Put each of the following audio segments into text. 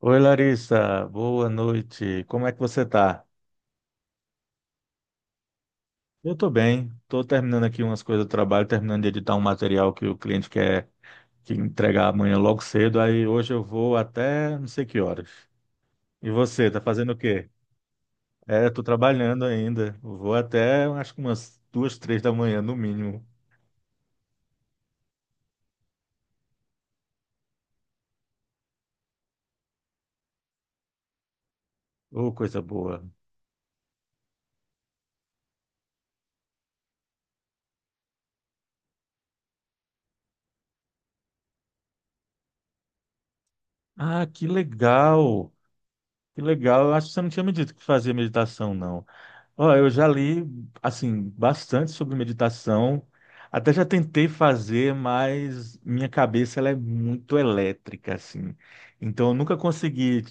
Oi, Larissa, boa noite. Como é que você tá? Eu tô bem. Tô terminando aqui umas coisas do trabalho, terminando de editar um material que o cliente quer que entregar amanhã logo cedo. Aí hoje eu vou até não sei que horas. E você, tá fazendo o quê? É, tô trabalhando ainda. Eu vou até acho que umas 2, 3 da manhã no mínimo. Ô, coisa boa. Ah, que legal! Que legal. Eu acho que você não tinha me dito que fazia meditação, não. Ó, eu já li, assim, bastante sobre meditação. Até já tentei fazer, mas minha cabeça ela é muito elétrica, assim. Então, eu nunca consegui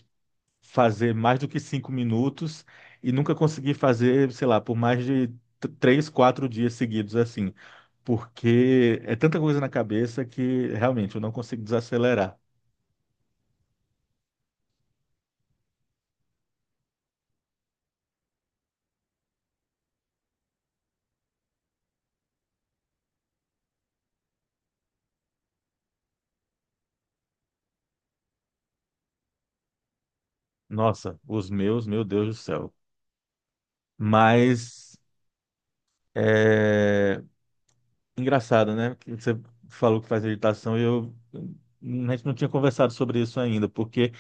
fazer mais do que 5 minutos e nunca consegui fazer, sei lá, por mais de 3, 4 dias seguidos, assim. Porque é tanta coisa na cabeça que realmente eu não consigo desacelerar. Nossa, os meus, meu Deus do céu. Mas. eh, Engraçado, né? Que você falou que faz meditação e eu a gente não tinha conversado sobre isso ainda, porque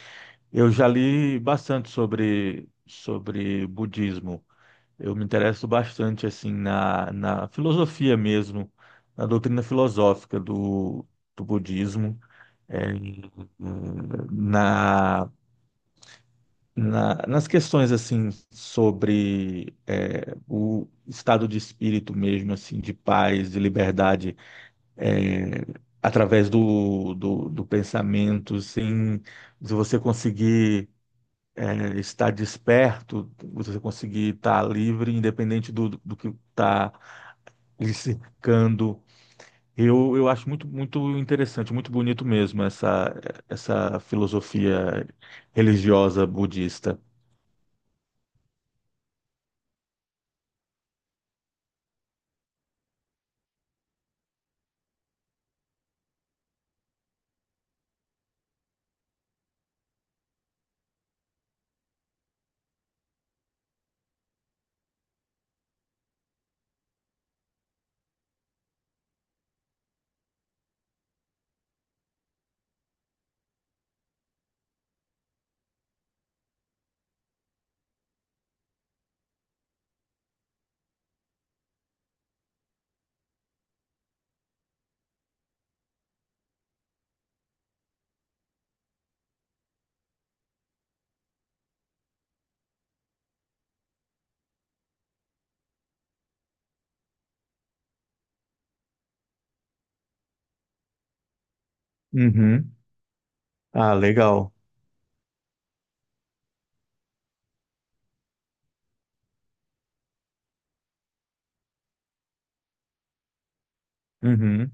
eu já li bastante sobre budismo. Eu me interesso bastante assim na filosofia mesmo, na doutrina filosófica do budismo, eh, na, na nas questões assim sobre o estado de espírito mesmo, assim, de paz, de liberdade, é, através do pensamento, sem, se você conseguir estar desperto, você conseguir estar livre, independente do que está lhe cercando. Eu acho muito, muito interessante, muito bonito mesmo essa filosofia religiosa budista. Uhum. Ah, legal. Uhum.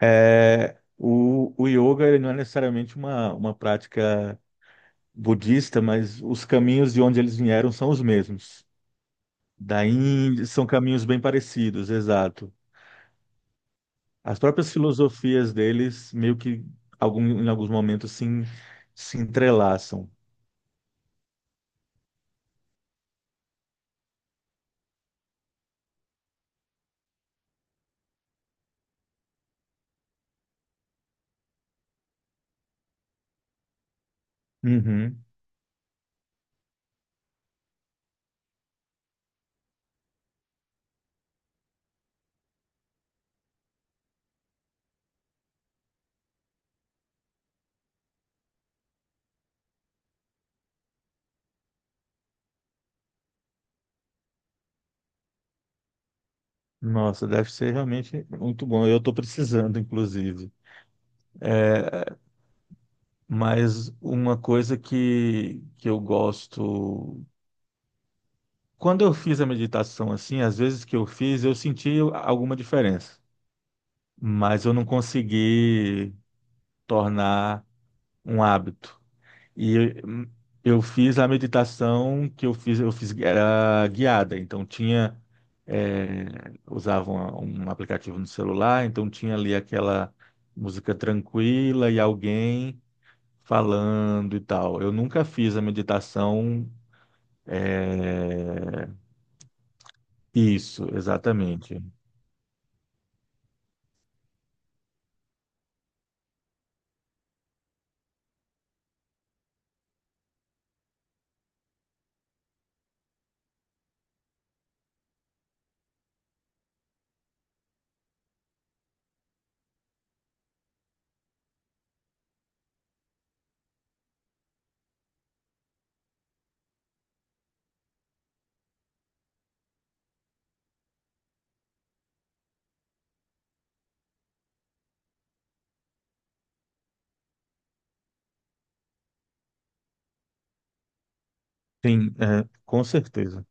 É, o yoga ele não é necessariamente uma prática budista, mas os caminhos de onde eles vieram são os mesmos. Da Índia, são caminhos bem parecidos, exato. As próprias filosofias deles, meio que em alguns momentos se entrelaçam. Uhum. Nossa, deve ser realmente muito bom. Eu estou precisando, inclusive. Mas uma coisa que eu gosto. Quando eu fiz a meditação assim, às vezes que eu fiz, eu senti alguma diferença, mas eu não consegui tornar um hábito. E eu, eu fiz a meditação que eu fiz era guiada, então tinha é, usava um aplicativo no celular, então tinha ali aquela música tranquila e alguém falando e tal. Eu nunca fiz a meditação. Isso, exatamente. Sim, é, com certeza.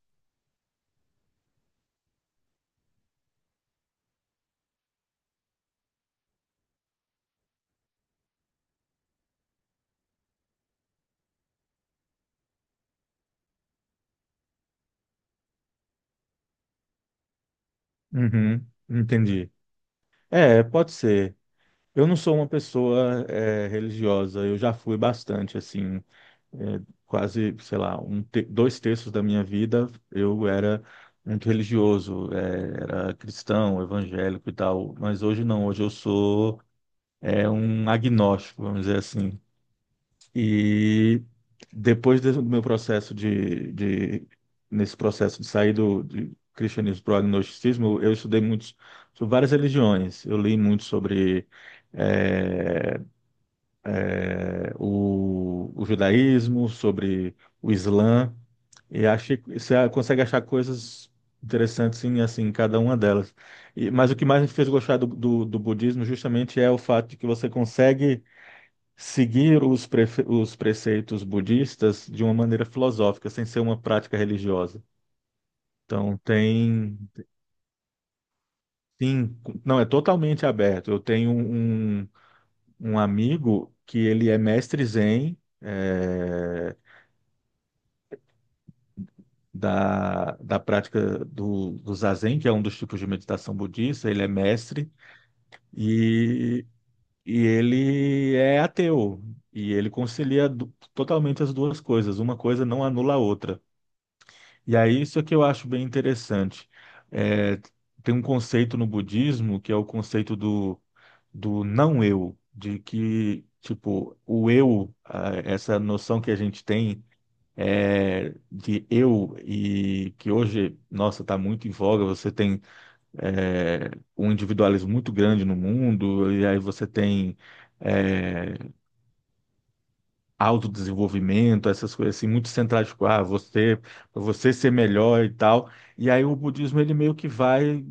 Uhum, entendi. É, pode ser. Eu não sou uma pessoa, religiosa, eu já fui bastante, assim. É, Quase, sei lá, 2/3 da minha vida eu era muito religioso, era cristão, evangélico e tal, mas hoje não, hoje eu sou um agnóstico, vamos dizer assim. E do meu processo de nesse processo de sair do de cristianismo para o agnosticismo, eu estudei muitos sobre várias religiões, eu li muito sobre eh, o o judaísmo, sobre o Islã. E achei, você consegue achar coisas interessantes assim, em cada uma delas. Mas o que mais me fez gostar do budismo justamente é o fato de que você consegue seguir os preceitos budistas de uma maneira filosófica, sem ser uma prática religiosa. Então tem, sim, não, é totalmente aberto. Eu tenho um amigo que ele é mestre Zen, eh, da prática do Zazen, que é um dos tipos de meditação budista, ele é mestre e, e ele é ateu. E ele concilia totalmente as duas coisas, uma coisa não anula a outra. E aí isso é que eu acho bem interessante. É, tem um conceito no budismo que é o conceito do não eu, de que, tipo, o eu, essa noção que a gente tem, de eu, e que hoje, nossa, está muito em voga. Você tem é, um individualismo muito grande no mundo, e aí você tem é, autodesenvolvimento, essas coisas assim, muito centradas, tipo, ah, você, pra você ser melhor e tal. E aí o budismo, ele meio que vai,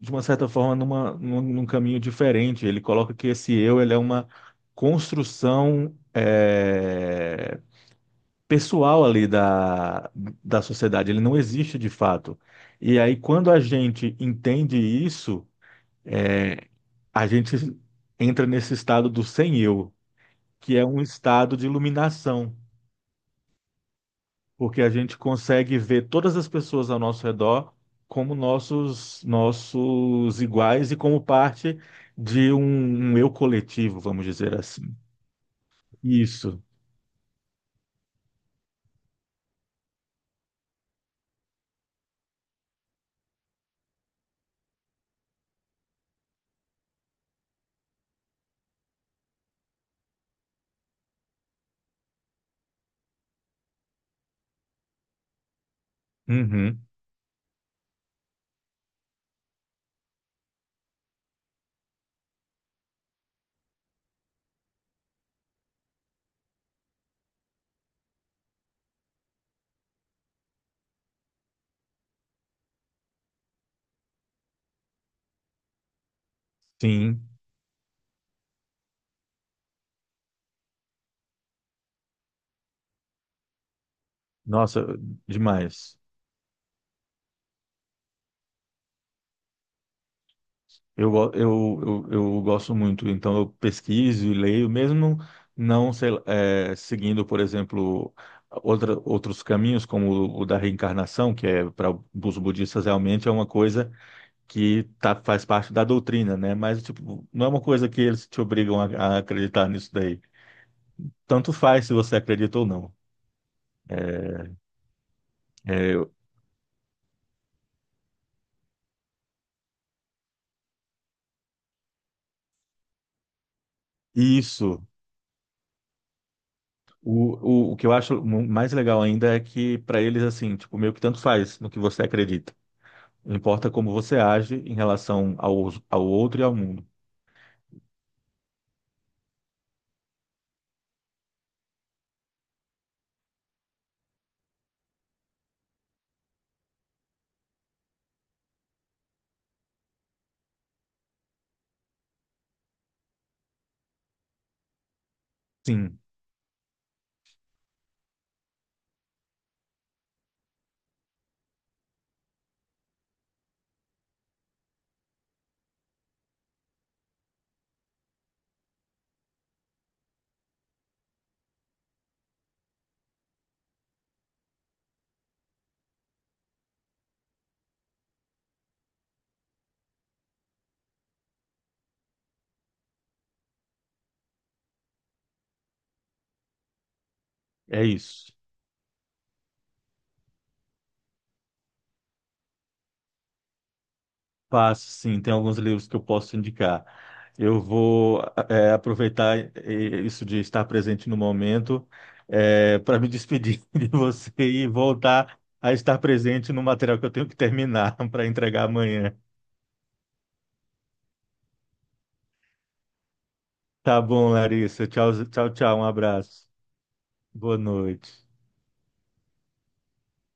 de uma certa forma, num caminho diferente. Ele coloca que esse eu, ele é uma construção pessoal ali da sociedade, ele não existe de fato. E aí, quando a gente entende isso, é, a gente entra nesse estado do sem eu, que é um estado de iluminação, porque a gente consegue ver todas as pessoas ao nosso redor como nossos iguais e como parte de um eu coletivo, vamos dizer assim. Isso. Uhum. Sim. Nossa, demais. Eu gosto muito, então eu pesquiso e leio, mesmo não sei lá, seguindo, por exemplo, outros caminhos, como o da reencarnação, que é para os budistas realmente é uma coisa que tá, faz parte da doutrina, né? Mas tipo, não é uma coisa que eles te obrigam a acreditar nisso daí. Tanto faz se você acredita ou não. É, isso. O que eu acho mais legal ainda é que para eles, assim, tipo, meio que tanto faz no que você acredita. Importa como você age em relação ao outro e ao mundo. Sim, é isso. Passo, sim, tem alguns livros que eu posso indicar. Eu vou aproveitar isso de estar presente no momento para me despedir de você e voltar a estar presente no material que eu tenho que terminar para entregar amanhã. Tá bom, Larissa. Tchau, tchau, tchau. Um abraço. Boa noite.